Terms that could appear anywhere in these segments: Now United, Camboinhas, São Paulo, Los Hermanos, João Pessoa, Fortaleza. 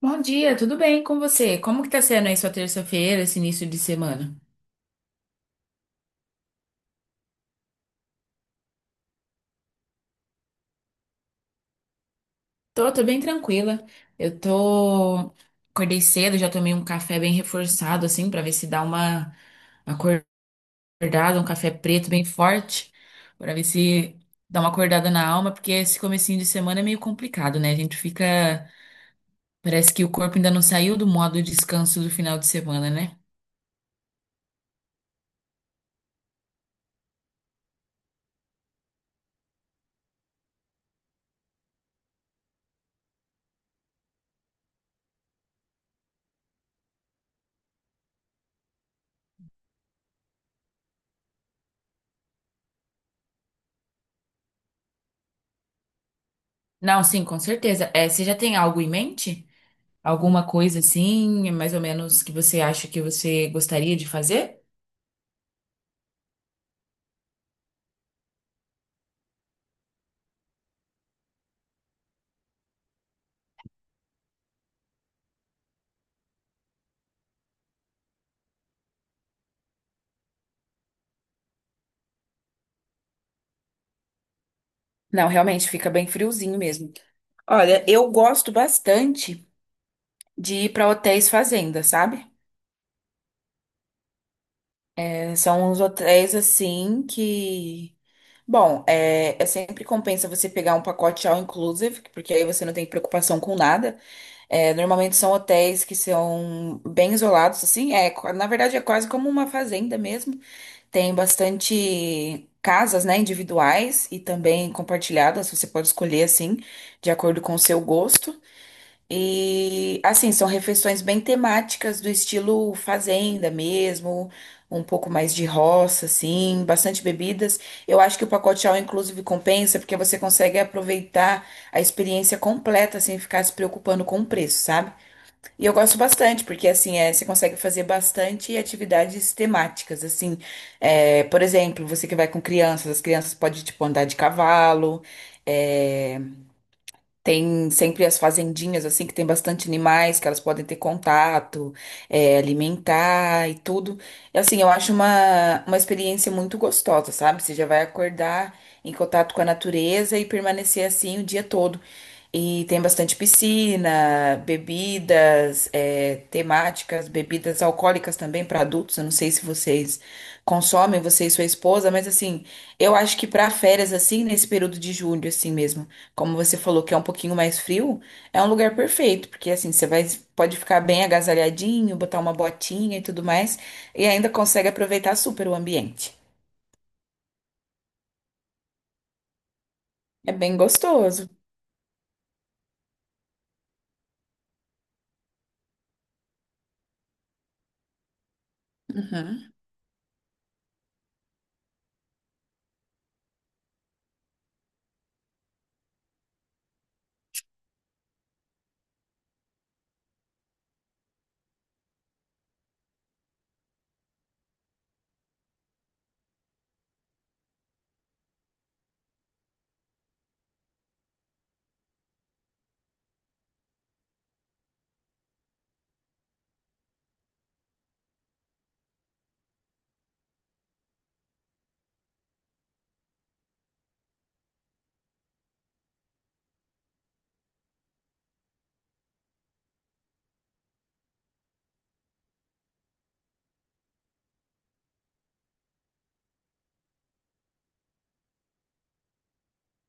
Bom dia, tudo bem com você? Como que tá sendo aí sua terça-feira, esse início de semana? Tô bem tranquila. Eu tô... Acordei cedo, já tomei um café bem reforçado, assim, pra ver se dá uma acordada, um café preto bem forte, pra ver se dá uma acordada na alma, porque esse comecinho de semana é meio complicado, né? A gente fica... Parece que o corpo ainda não saiu do modo descanso do final de semana, né? Não, sim, com certeza. É, você já tem algo em mente? Alguma coisa assim, mais ou menos, que você acha que você gostaria de fazer? Não, realmente fica bem friozinho mesmo. Olha, eu gosto bastante de ir para hotéis fazenda, sabe? É, são uns hotéis assim que, bom, é sempre compensa você pegar um pacote all inclusive, porque aí você não tem preocupação com nada. É, normalmente são hotéis que são bem isolados, assim. É, qua- na verdade é quase como uma fazenda mesmo. Tem bastante casas, né, individuais e também compartilhadas. Você pode escolher assim, de acordo com o seu gosto. E assim, são refeições bem temáticas do estilo fazenda mesmo, um pouco mais de roça, assim, bastante bebidas. Eu acho que o pacote all inclusive compensa porque você consegue aproveitar a experiência completa sem ficar se preocupando com o preço, sabe? E eu gosto bastante, porque assim, é, você consegue fazer bastante atividades temáticas, assim, é, por exemplo, você que vai com crianças, as crianças podem, tipo, andar de cavalo, é, tem sempre as fazendinhas, assim, que tem bastante animais que elas podem ter contato, é, alimentar e tudo. E, assim, eu acho uma experiência muito gostosa, sabe? Você já vai acordar em contato com a natureza e permanecer assim o dia todo. E tem bastante piscina, bebidas, é, temáticas, bebidas alcoólicas também para adultos. Eu não sei se vocês consomem, você e sua esposa, mas assim, eu acho que para férias, assim, nesse período de julho, assim mesmo. Como você falou que é um pouquinho mais frio, é um lugar perfeito, porque assim, você vai, pode ficar bem agasalhadinho, botar uma botinha e tudo mais, e ainda consegue aproveitar super o ambiente. É bem gostoso. Uhum.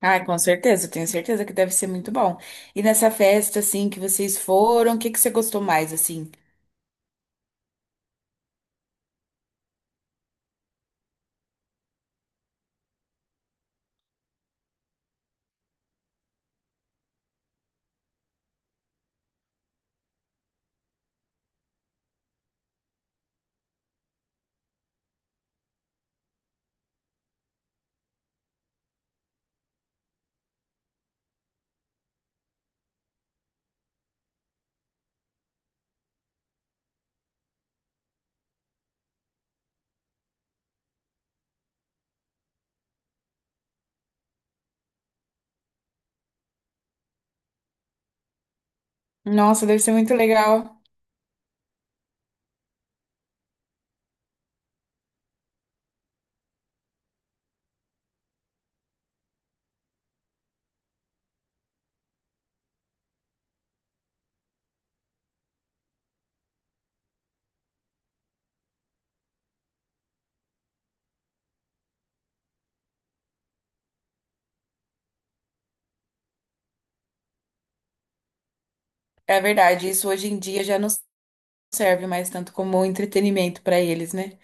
Ah, com certeza, eu tenho certeza que deve ser muito bom. E nessa festa, assim, que vocês foram, o que que você gostou mais, assim? Nossa, deve ser muito legal. É verdade, isso hoje em dia já não serve mais tanto como entretenimento para eles, né?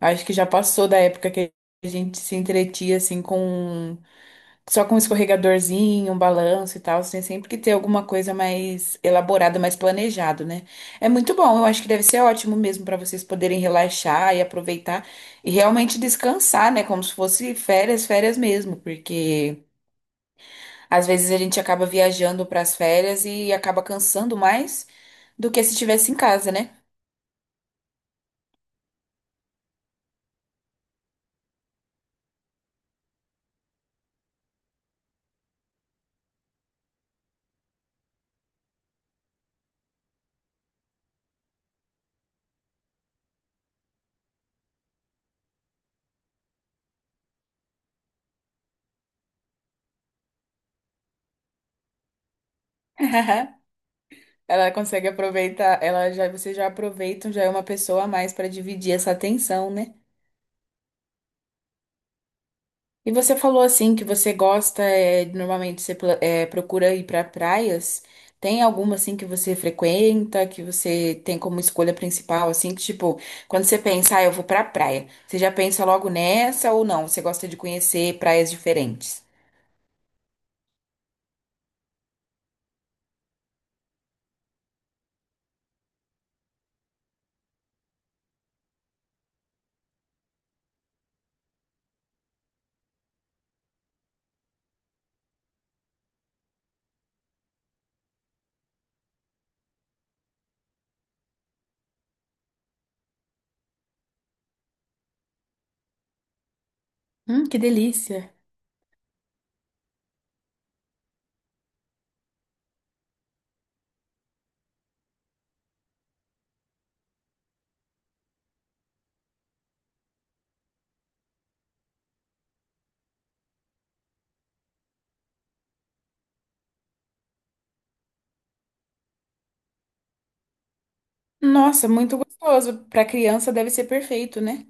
Acho que já passou da época que a gente se entretia, assim, com só com um escorregadorzinho, um balanço e tal, você tem sempre que ter alguma coisa mais elaborada, mais planejado, né? É muito bom, eu acho que deve ser ótimo mesmo para vocês poderem relaxar e aproveitar e realmente descansar, né? Como se fosse férias, férias mesmo, porque às vezes a gente acaba viajando para as férias e acaba cansando mais do que se estivesse em casa, né? Ela consegue aproveitar, ela já, vocês já aproveitam, já é uma pessoa a mais para dividir essa atenção, né? E você falou assim que você gosta, é, normalmente você pla- é, procura ir para praias. Tem alguma assim que você frequenta, que você tem como escolha principal, assim, que tipo, quando você pensa, ah, eu vou pra praia, você já pensa logo nessa ou não? Você gosta de conhecer praias diferentes? Que delícia. Nossa, muito gostoso. Para criança deve ser perfeito, né?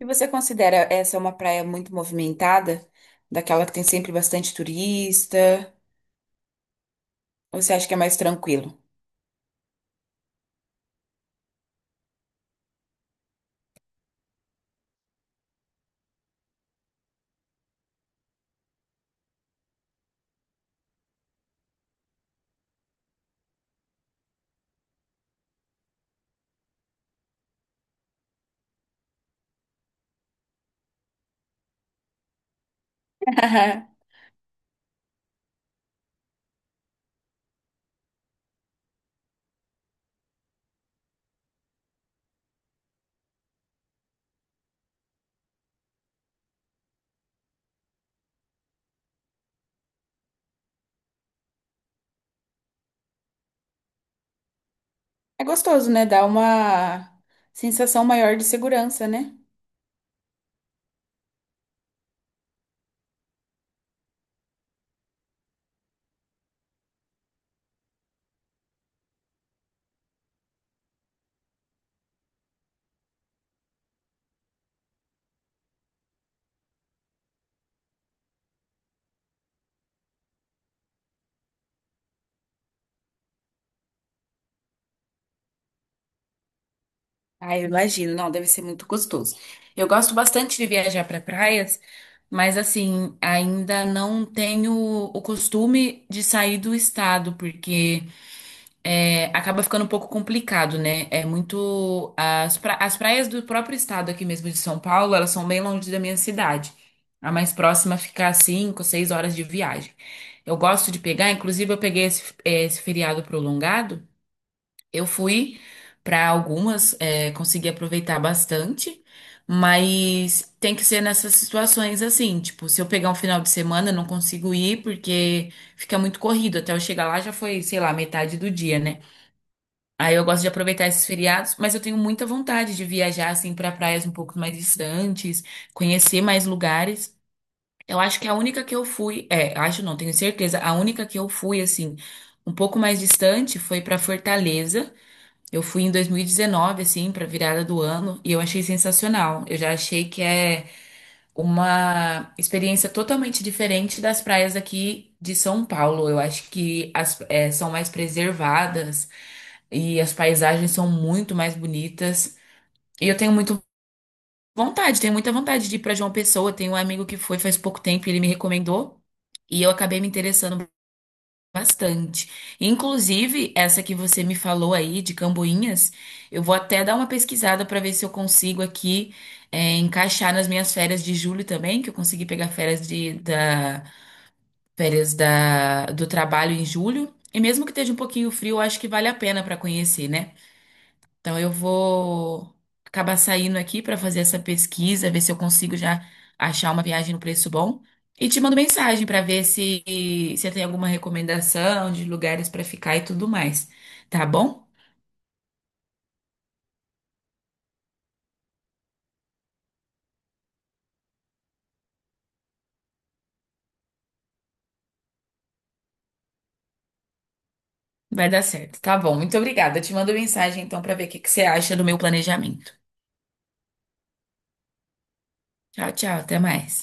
E você considera essa uma praia muito movimentada? Daquela que tem sempre bastante turista? Ou você acha que é mais tranquilo? É gostoso, né? Dá uma sensação maior de segurança, né? Ah, eu imagino. Não, deve ser muito gostoso. Eu gosto bastante de viajar para praias, mas assim, ainda não tenho o costume de sair do estado, porque é, acaba ficando um pouco complicado, né? É muito. As, pra- as praias do próprio estado aqui mesmo de São Paulo, elas são bem longe da minha cidade. A mais próxima fica a 5, 6 horas de viagem. Eu gosto de pegar, inclusive eu peguei esse feriado prolongado. Eu fui para algumas, é, consegui aproveitar bastante, mas tem que ser nessas situações assim, tipo, se eu pegar um final de semana, eu não consigo ir porque fica muito corrido. Até eu chegar lá já foi, sei lá, metade do dia, né? Aí eu gosto de aproveitar esses feriados, mas eu tenho muita vontade de viajar assim para praias um pouco mais distantes, conhecer mais lugares. Eu acho que a única que eu fui, é, acho não, tenho certeza, a única que eu fui assim, um pouco mais distante foi para Fortaleza. Eu fui em 2019 assim, para virada do ano, e eu achei sensacional. Eu já achei que é uma experiência totalmente diferente das praias aqui de São Paulo. Eu acho que as, eh, são mais preservadas e as paisagens são muito mais bonitas. E eu tenho muito vontade, tenho muita vontade de ir para João Pessoa. Tenho um amigo que foi faz pouco tempo e ele me recomendou. E eu acabei me interessando bastante. Inclusive, essa que você me falou aí de Camboinhas, eu vou até dar uma pesquisada para ver se eu consigo aqui é, encaixar nas minhas férias de julho também, que eu consegui pegar férias do trabalho em julho. E mesmo que esteja um pouquinho frio, eu acho que vale a pena para conhecer, né? Então eu vou acabar saindo aqui para fazer essa pesquisa, ver se eu consigo já achar uma viagem no preço bom. E te mando mensagem para ver se tem alguma recomendação de lugares para ficar e tudo mais. Tá bom? Vai dar certo. Tá bom. Muito obrigada. Eu te mando mensagem então para ver o que que você acha do meu planejamento. Tchau, tchau. Até mais.